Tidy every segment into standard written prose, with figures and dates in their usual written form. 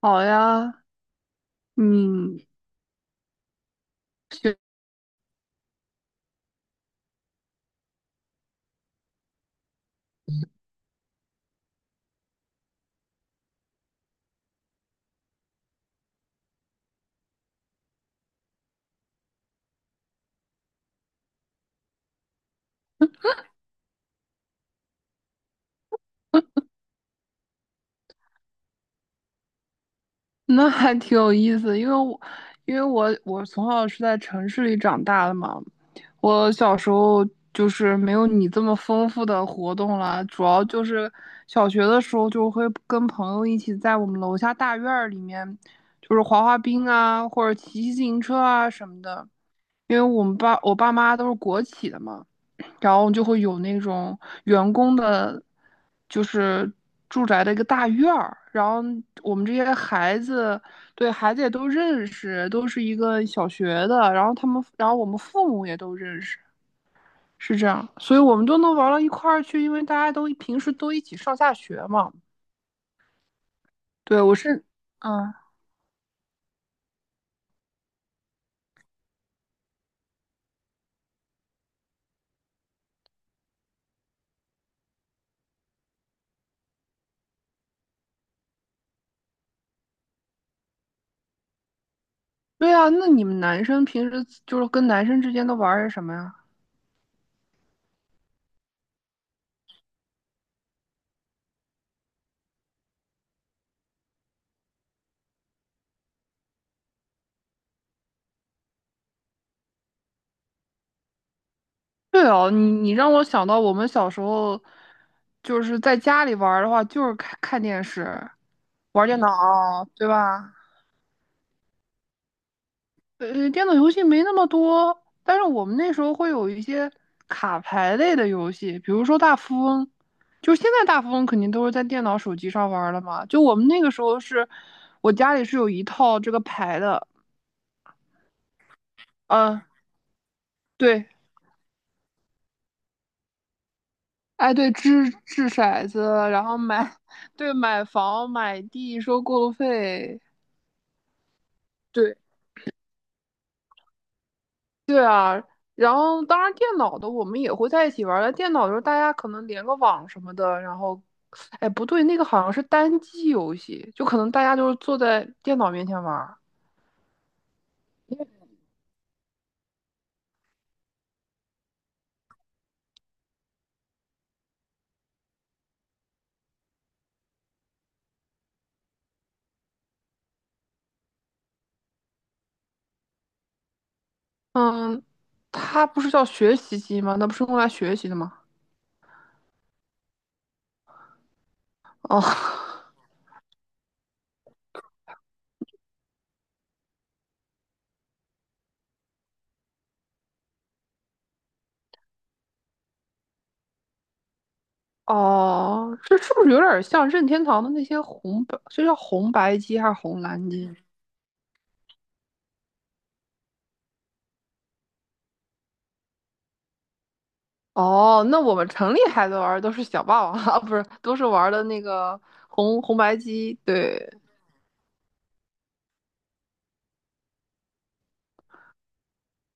好呀，嗯，行，那还挺有意思，因为我因为我我从小是在城市里长大的嘛，我小时候就是没有你这么丰富的活动啦，主要就是小学的时候就会跟朋友一起在我们楼下大院儿里面，就是滑滑冰啊，或者骑自行车啊什么的。因为我爸妈都是国企的嘛，然后就会有那种员工的，就是住宅的一个大院儿，然后我们这些孩子，对孩子也都认识，都是一个小学的，然后他们，然后我们父母也都认识，是这样，所以我们都能玩到一块儿去，因为大家都平时都一起上下学嘛。对，嗯，对啊，那你们男生平时就是跟男生之间都玩儿些什么呀？对哦，你让我想到我们小时候，就是在家里玩儿的话，就是看看电视、玩儿电脑，对吧？电脑游戏没那么多，但是我们那时候会有一些卡牌类的游戏，比如说大富翁。就现在大富翁肯定都是在电脑、手机上玩儿了嘛。就我们那个时候是，我家里是有一套这个牌的，嗯，对，哎对，掷掷骰子，然后对，买房买地收过路费。对，然后当然电脑的我们也会在一起玩儿，但电脑的时候大家可能连个网什么的，然后，哎，不对，那个好像是单机游戏，就可能大家就是坐在电脑面前玩儿。嗯，它不是叫学习机吗？那不是用来学习的吗？哦 哦，这是不是有点像任天堂的那些这叫红白机还是红蓝机？哦，那我们城里孩子玩儿都是小霸王 啊，不是，都是玩儿的那个红白机，对。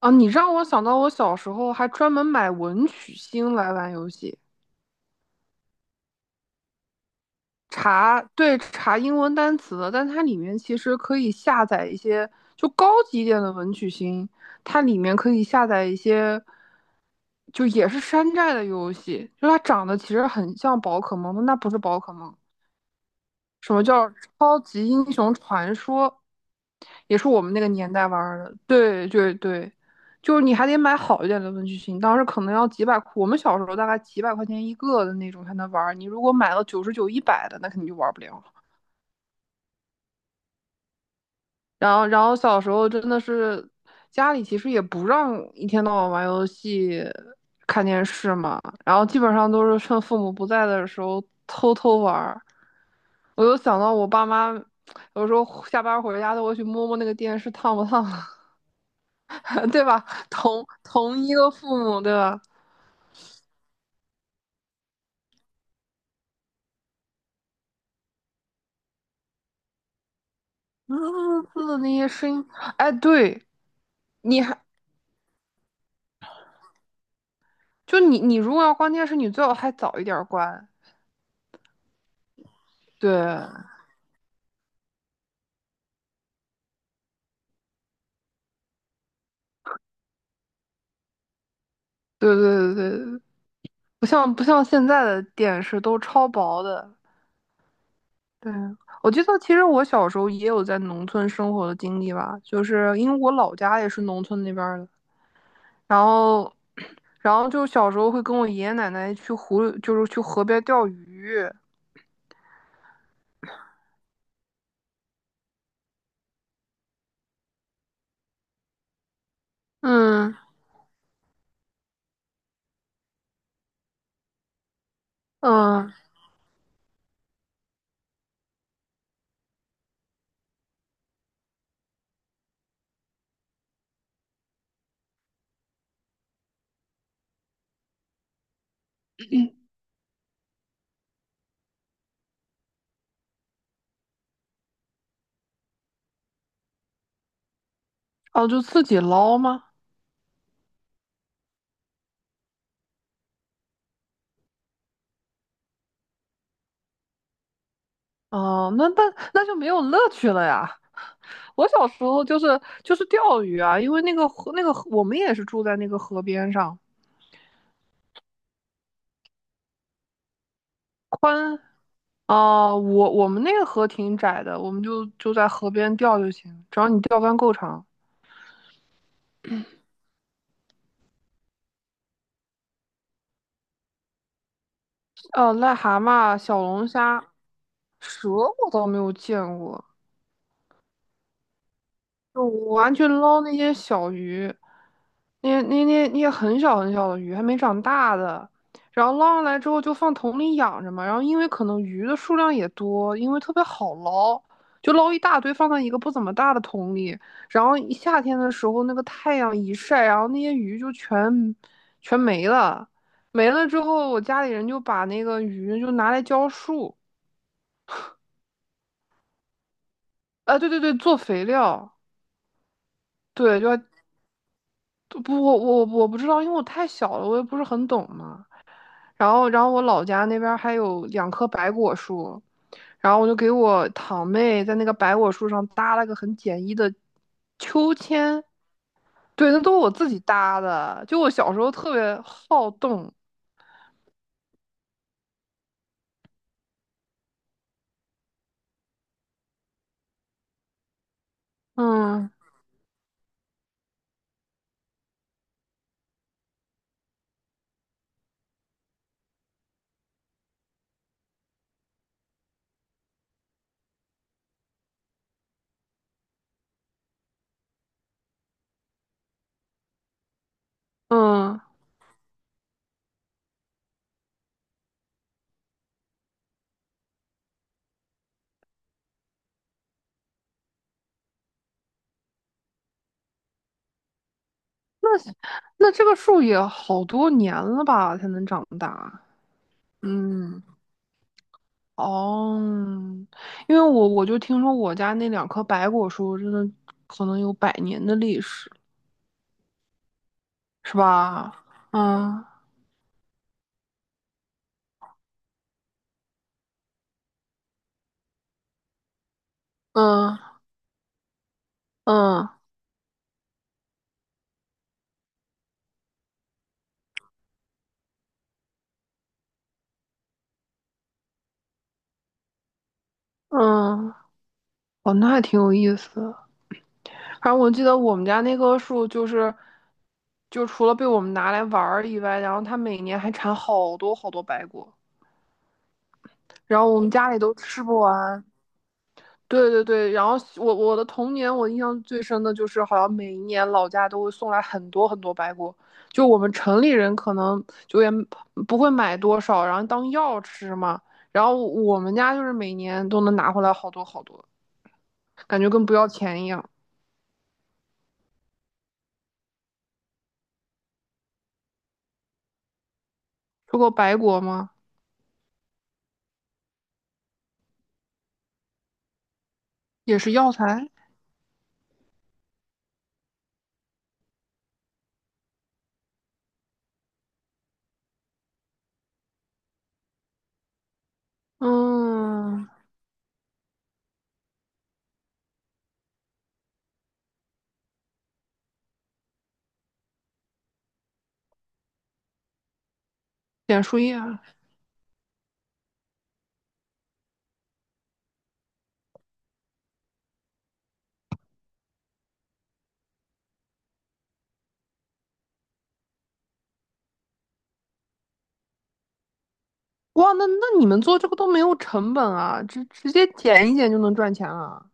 啊，你让我想到我小时候还专门买文曲星来玩游戏，对，查英文单词的，但它里面其实可以下载一些就高级一点的文曲星，它里面可以下载一些就也是山寨的游戏，就它长得其实很像宝可梦，但那不是宝可梦。什么叫超级英雄传说？也是我们那个年代玩儿的。对对对，就是你还得买好一点的文具型，当时可能要几百，我们小时候大概几百块钱一个的那种才能玩儿。你如果买了99、100的，那肯定就玩不了。然后小时候真的是家里其实也不让一天到晚玩游戏、看电视嘛，然后基本上都是趁父母不在的时候偷偷玩儿。我就想到我爸妈有时候下班回家都会去摸摸那个电视烫不烫，对吧？同一个父母，对吧？滋滋滋的那些声音，哎，对，你还就你你如果要关电视，你最好还早一点关。对，对对对对对，不像现在的电视都超薄的。对，我记得其实我小时候也有在农村生活的经历吧，就是因为我老家也是农村那边儿的。然后，然后就小时候会跟我爷爷奶奶去湖，就是去河边钓鱼。嗯嗯，哦，就自己捞吗？哦，那就没有乐趣了呀。我小时候就是钓鱼啊，因为那个河我们也是住在那个河边上哦，我们那个河挺窄的，我们就在河边钓就行，只要你钓竿够长。哦，癞蛤蟆、小龙虾、蛇我倒没有见过。就我完全捞那些小鱼，那些很小很小的鱼，还没长大的，然后捞上来之后就放桶里养着嘛。然后因为可能鱼的数量也多，因为特别好捞，就捞一大堆放在一个不怎么大的桶里。然后一夏天的时候，那个太阳一晒，然后那些鱼就全没了。没了之后，我家里人就把那个鱼就拿来浇树，啊，对对对，做肥料，对，就不，我不知道，因为我太小了，我也不是很懂嘛。然后我老家那边还有两棵白果树，然后我就给我堂妹在那个白果树上搭了个很简易的秋千，对，那都是我自己搭的。就我小时候特别好动，嗯嗯，那这个树也好多年了吧才能长大，嗯。哦，因为我就听说我家那两棵白果树真的可能有百年的历史。是吧？嗯嗯嗯嗯，哦，那还挺有意思的。反正我记得我们家那棵树就是，就除了被我们拿来玩儿以外，然后它每年还产好多好多白果，然后我们家里都吃不完。对对对，然后我的童年，我印象最深的就是，好像每一年老家都会送来很多很多白果，就我们城里人可能就也不会买多少，然后当药吃嘛。然后我们家就是每年都能拿回来好多好多，感觉跟不要钱一样。说过白果吗？也是药材，嗯，捡树叶啊。哇，那你们做这个都没有成本啊，直接捡一捡就能赚钱了。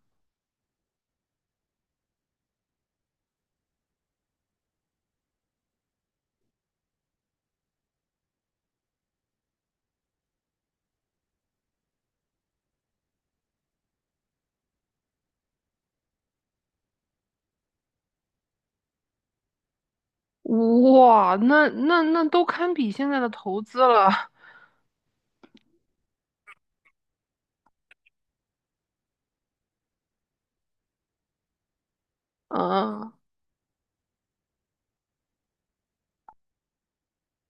哇，那都堪比现在的投资了。嗯，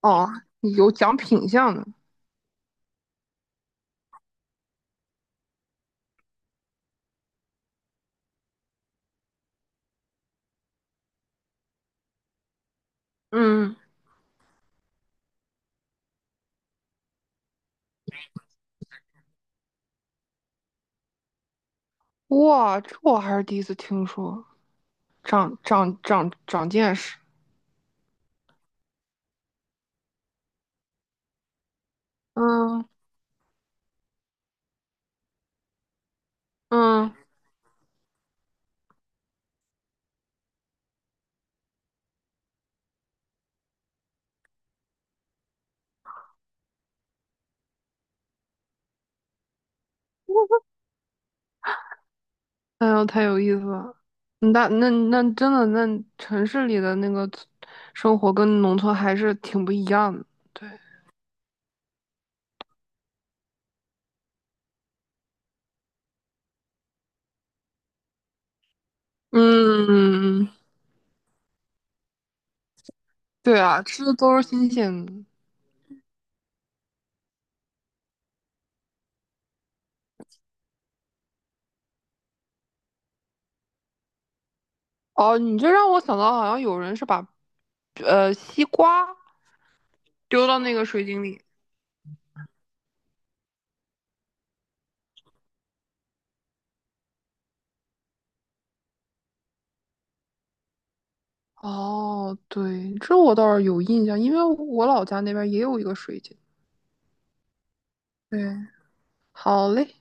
哦，有讲品相的。嗯，哇，这我还是第一次听说，长见识。嗯嗯，哎呦，太有意思了。那真的，那城市里的那个生活跟农村还是挺不一样的。对，嗯，对啊，吃的都是新鲜的。哦，你这让我想到，好像有人是把西瓜。丢到那个水井里。哦，对，这我倒是有印象，因为我老家那边也有一个水井。对，好嘞，